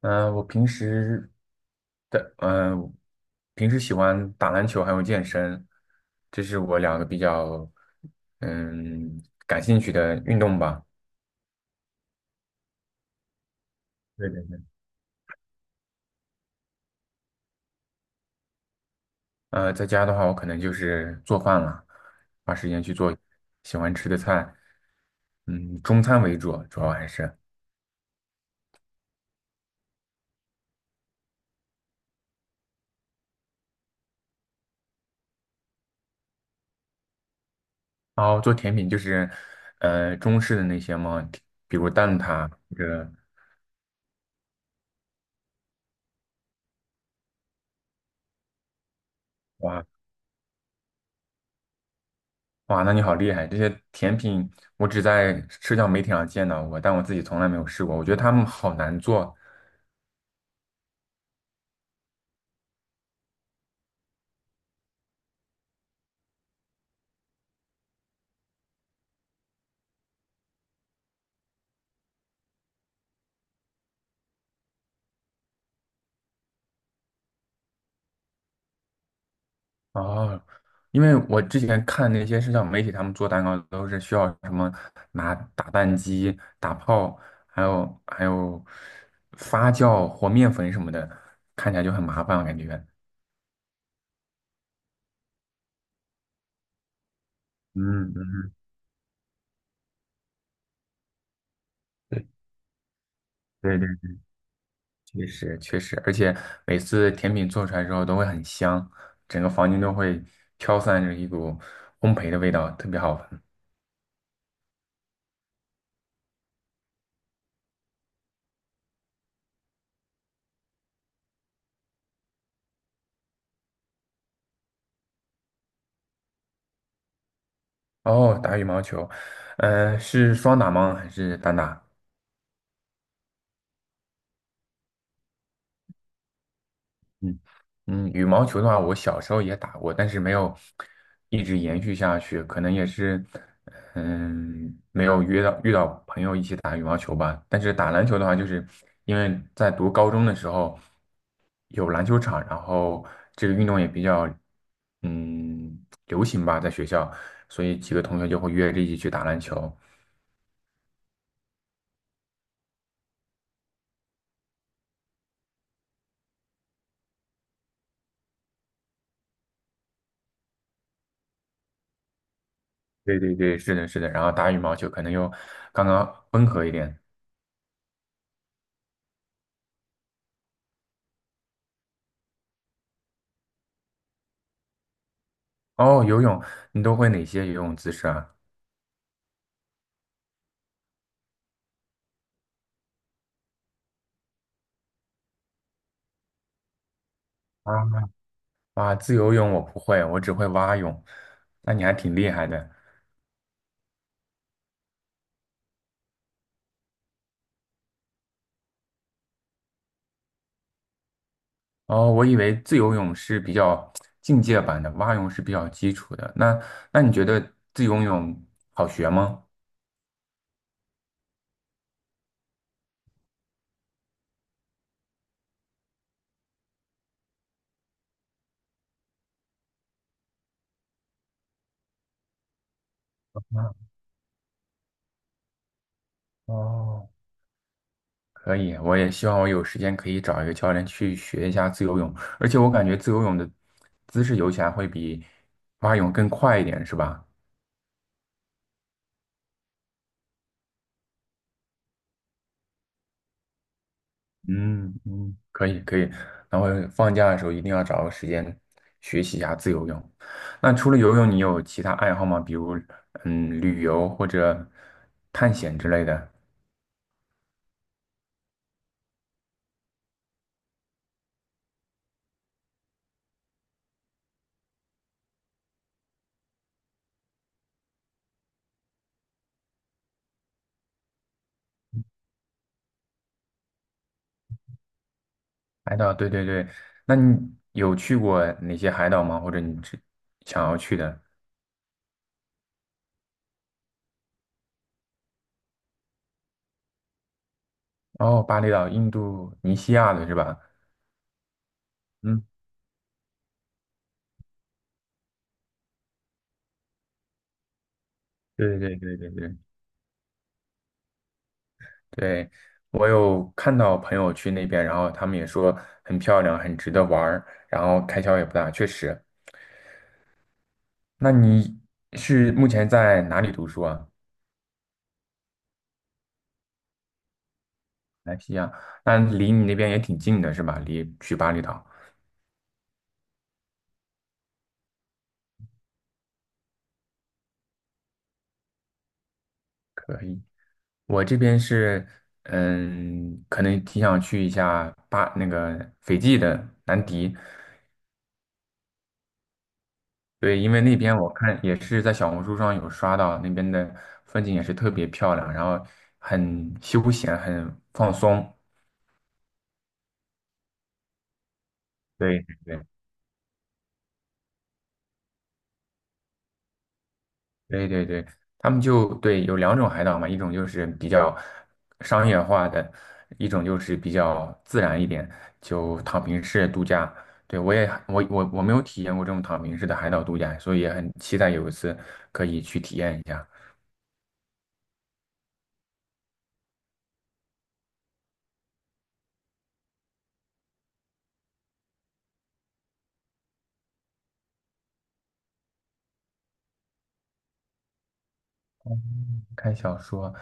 嗯，我的嗯，平时喜欢打篮球还有健身，这是我两个比较嗯感兴趣的运动吧。对对对。在家的话，我可能就是做饭了，花时间去做喜欢吃的菜，中餐为主，主要还是。然后做甜品就是中式的那些嘛，比如蛋挞或者。哇，那你好厉害！这些甜品我只在社交媒体上见到过，但我自己从来没有试过。我觉得他们好难做。哦，因为我之前看那些社交媒体，他们做蛋糕都是需要什么拿打蛋机、打泡，还有发酵和面粉什么的，看起来就很麻烦，我感觉。嗯嗯，对对对，确实确实，而且每次甜品做出来之后都会很香，整个房间都会飘散着一股烘焙的味道，特别好闻。哦，打羽毛球，是双打吗？还是单打？嗯嗯，羽毛球的话，我小时候也打过，但是没有一直延续下去，可能也是，没有约到遇到朋友一起打羽毛球吧。但是打篮球的话，就是因为在读高中的时候有篮球场，然后这个运动也比较嗯流行吧，在学校，所以几个同学就会约着一起去打篮球。对对对，是的，是的。然后打羽毛球可能又刚刚温和一点。哦，游泳，你都会哪些游泳姿势啊？啊啊！自由泳我不会，我只会蛙泳。那你还挺厉害的哦。我以为自由泳是比较进阶版的，蛙泳是比较基础的。那你觉得自由泳好学吗？哦，可以，我也希望我有时间可以找一个教练去学一下自由泳。而且我感觉自由泳的姿势游起来会比蛙泳更快一点，是吧？嗯嗯，可以可以，然后放假的时候一定要找个时间学习一下自由泳。那除了游泳，你有其他爱好吗？比如旅游或者探险之类的。海岛，对对对，那你有去过哪些海岛吗？或者你只想要去的？哦，巴厘岛、印度尼西亚的是吧？嗯，对对对对对对，我有看到朋友去那边，然后他们也说很漂亮，很值得玩儿，然后开销也不大，确实。那你是目前在哪里读书啊？马来西亚，那离你那边也挺近的是吧？离去巴厘岛，我这边是，可能挺想去一下巴那个斐济的南迪，对，因为那边我看也是在小红书上有刷到那边的风景也是特别漂亮，然后很休闲，很放松，对对。对对对，他们就对有两种海岛嘛，一种就是比较商业化的，一种就是比较自然一点，就躺平式度假。对，我也我我我没有体验过这种躺平式的海岛度假，所以也很期待有一次可以去体验一下。看小说，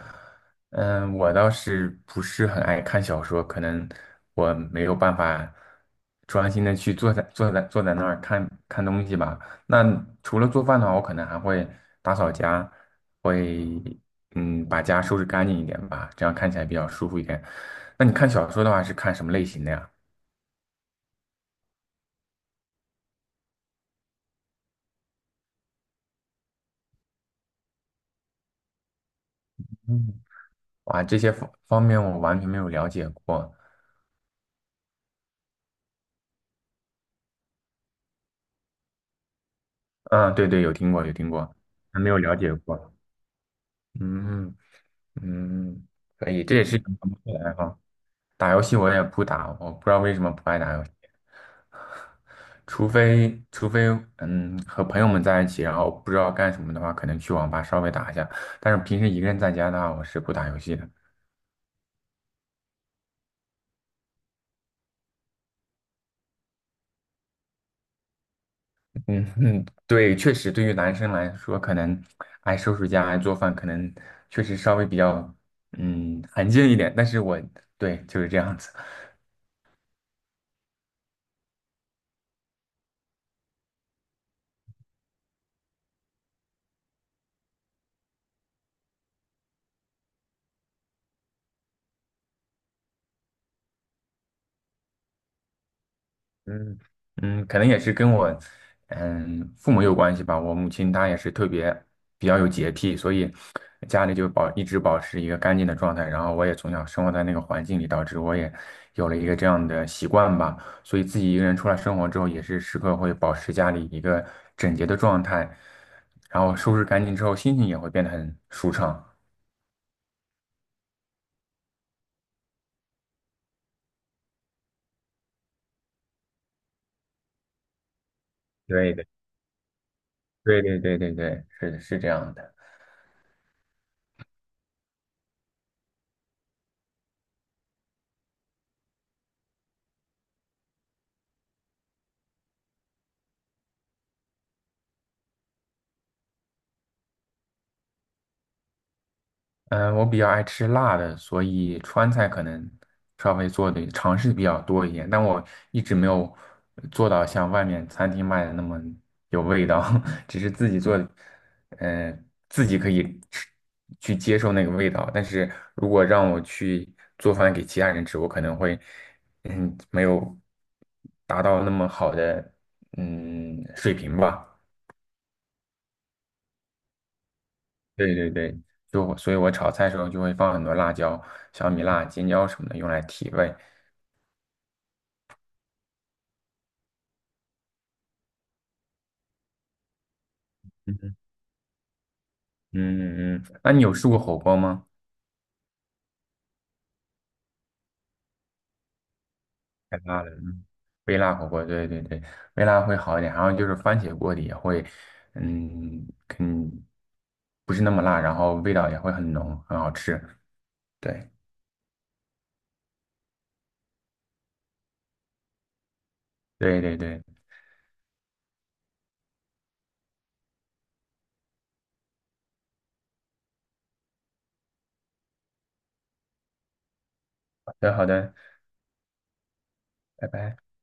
我倒是不是很爱看小说，可能我没有办法专心的去坐在那儿看看东西吧。那除了做饭的话，我可能还会打扫家，会把家收拾干净一点吧，这样看起来比较舒服一点。那你看小说的话是看什么类型的呀？嗯，哇，这些方方面我完全没有了解过。嗯，对对，有听过有听过，还没有了解过。嗯。嗯，可以，这也是一种不错的爱好。打游戏我也不打，我不知道为什么不爱打游戏，除非和朋友们在一起，然后不知道干什么的话，可能去网吧稍微打一下。但是平时一个人在家的话，我是不打游戏的。嗯嗯，对，确实对于男生来说，可能爱收拾家、爱做饭，可能确实稍微比较安静一点。但是我，对，就是这样子。嗯嗯，可能也是跟我父母有关系吧。我母亲她也是特别比较有洁癖，所以家里就一直保持一个干净的状态。然后我也从小生活在那个环境里，导致我也有了一个这样的习惯吧。所以自己一个人出来生活之后，也是时刻会保持家里一个整洁的状态，然后收拾干净之后，心情也会变得很舒畅。对的，对对对对对，是的，是这样的。嗯，我比较爱吃辣的，所以川菜可能稍微做的尝试比较多一点，但我一直没有做到像外面餐厅卖的那么有味道，只是自己做，自己可以吃去接受那个味道。但是如果让我去做饭给其他人吃，我可能会，没有达到那么好的水平吧。对对对，就所以，我炒菜的时候就会放很多辣椒、小米辣、尖椒什么的，用来提味。嗯嗯，那你有试过火锅吗？太辣了，微辣火锅，对对对，微辣会好一点。然后就是番茄锅底也会，嗯嗯，不是那么辣，然后味道也会很浓，很好吃。对对对对，好的好的，拜拜。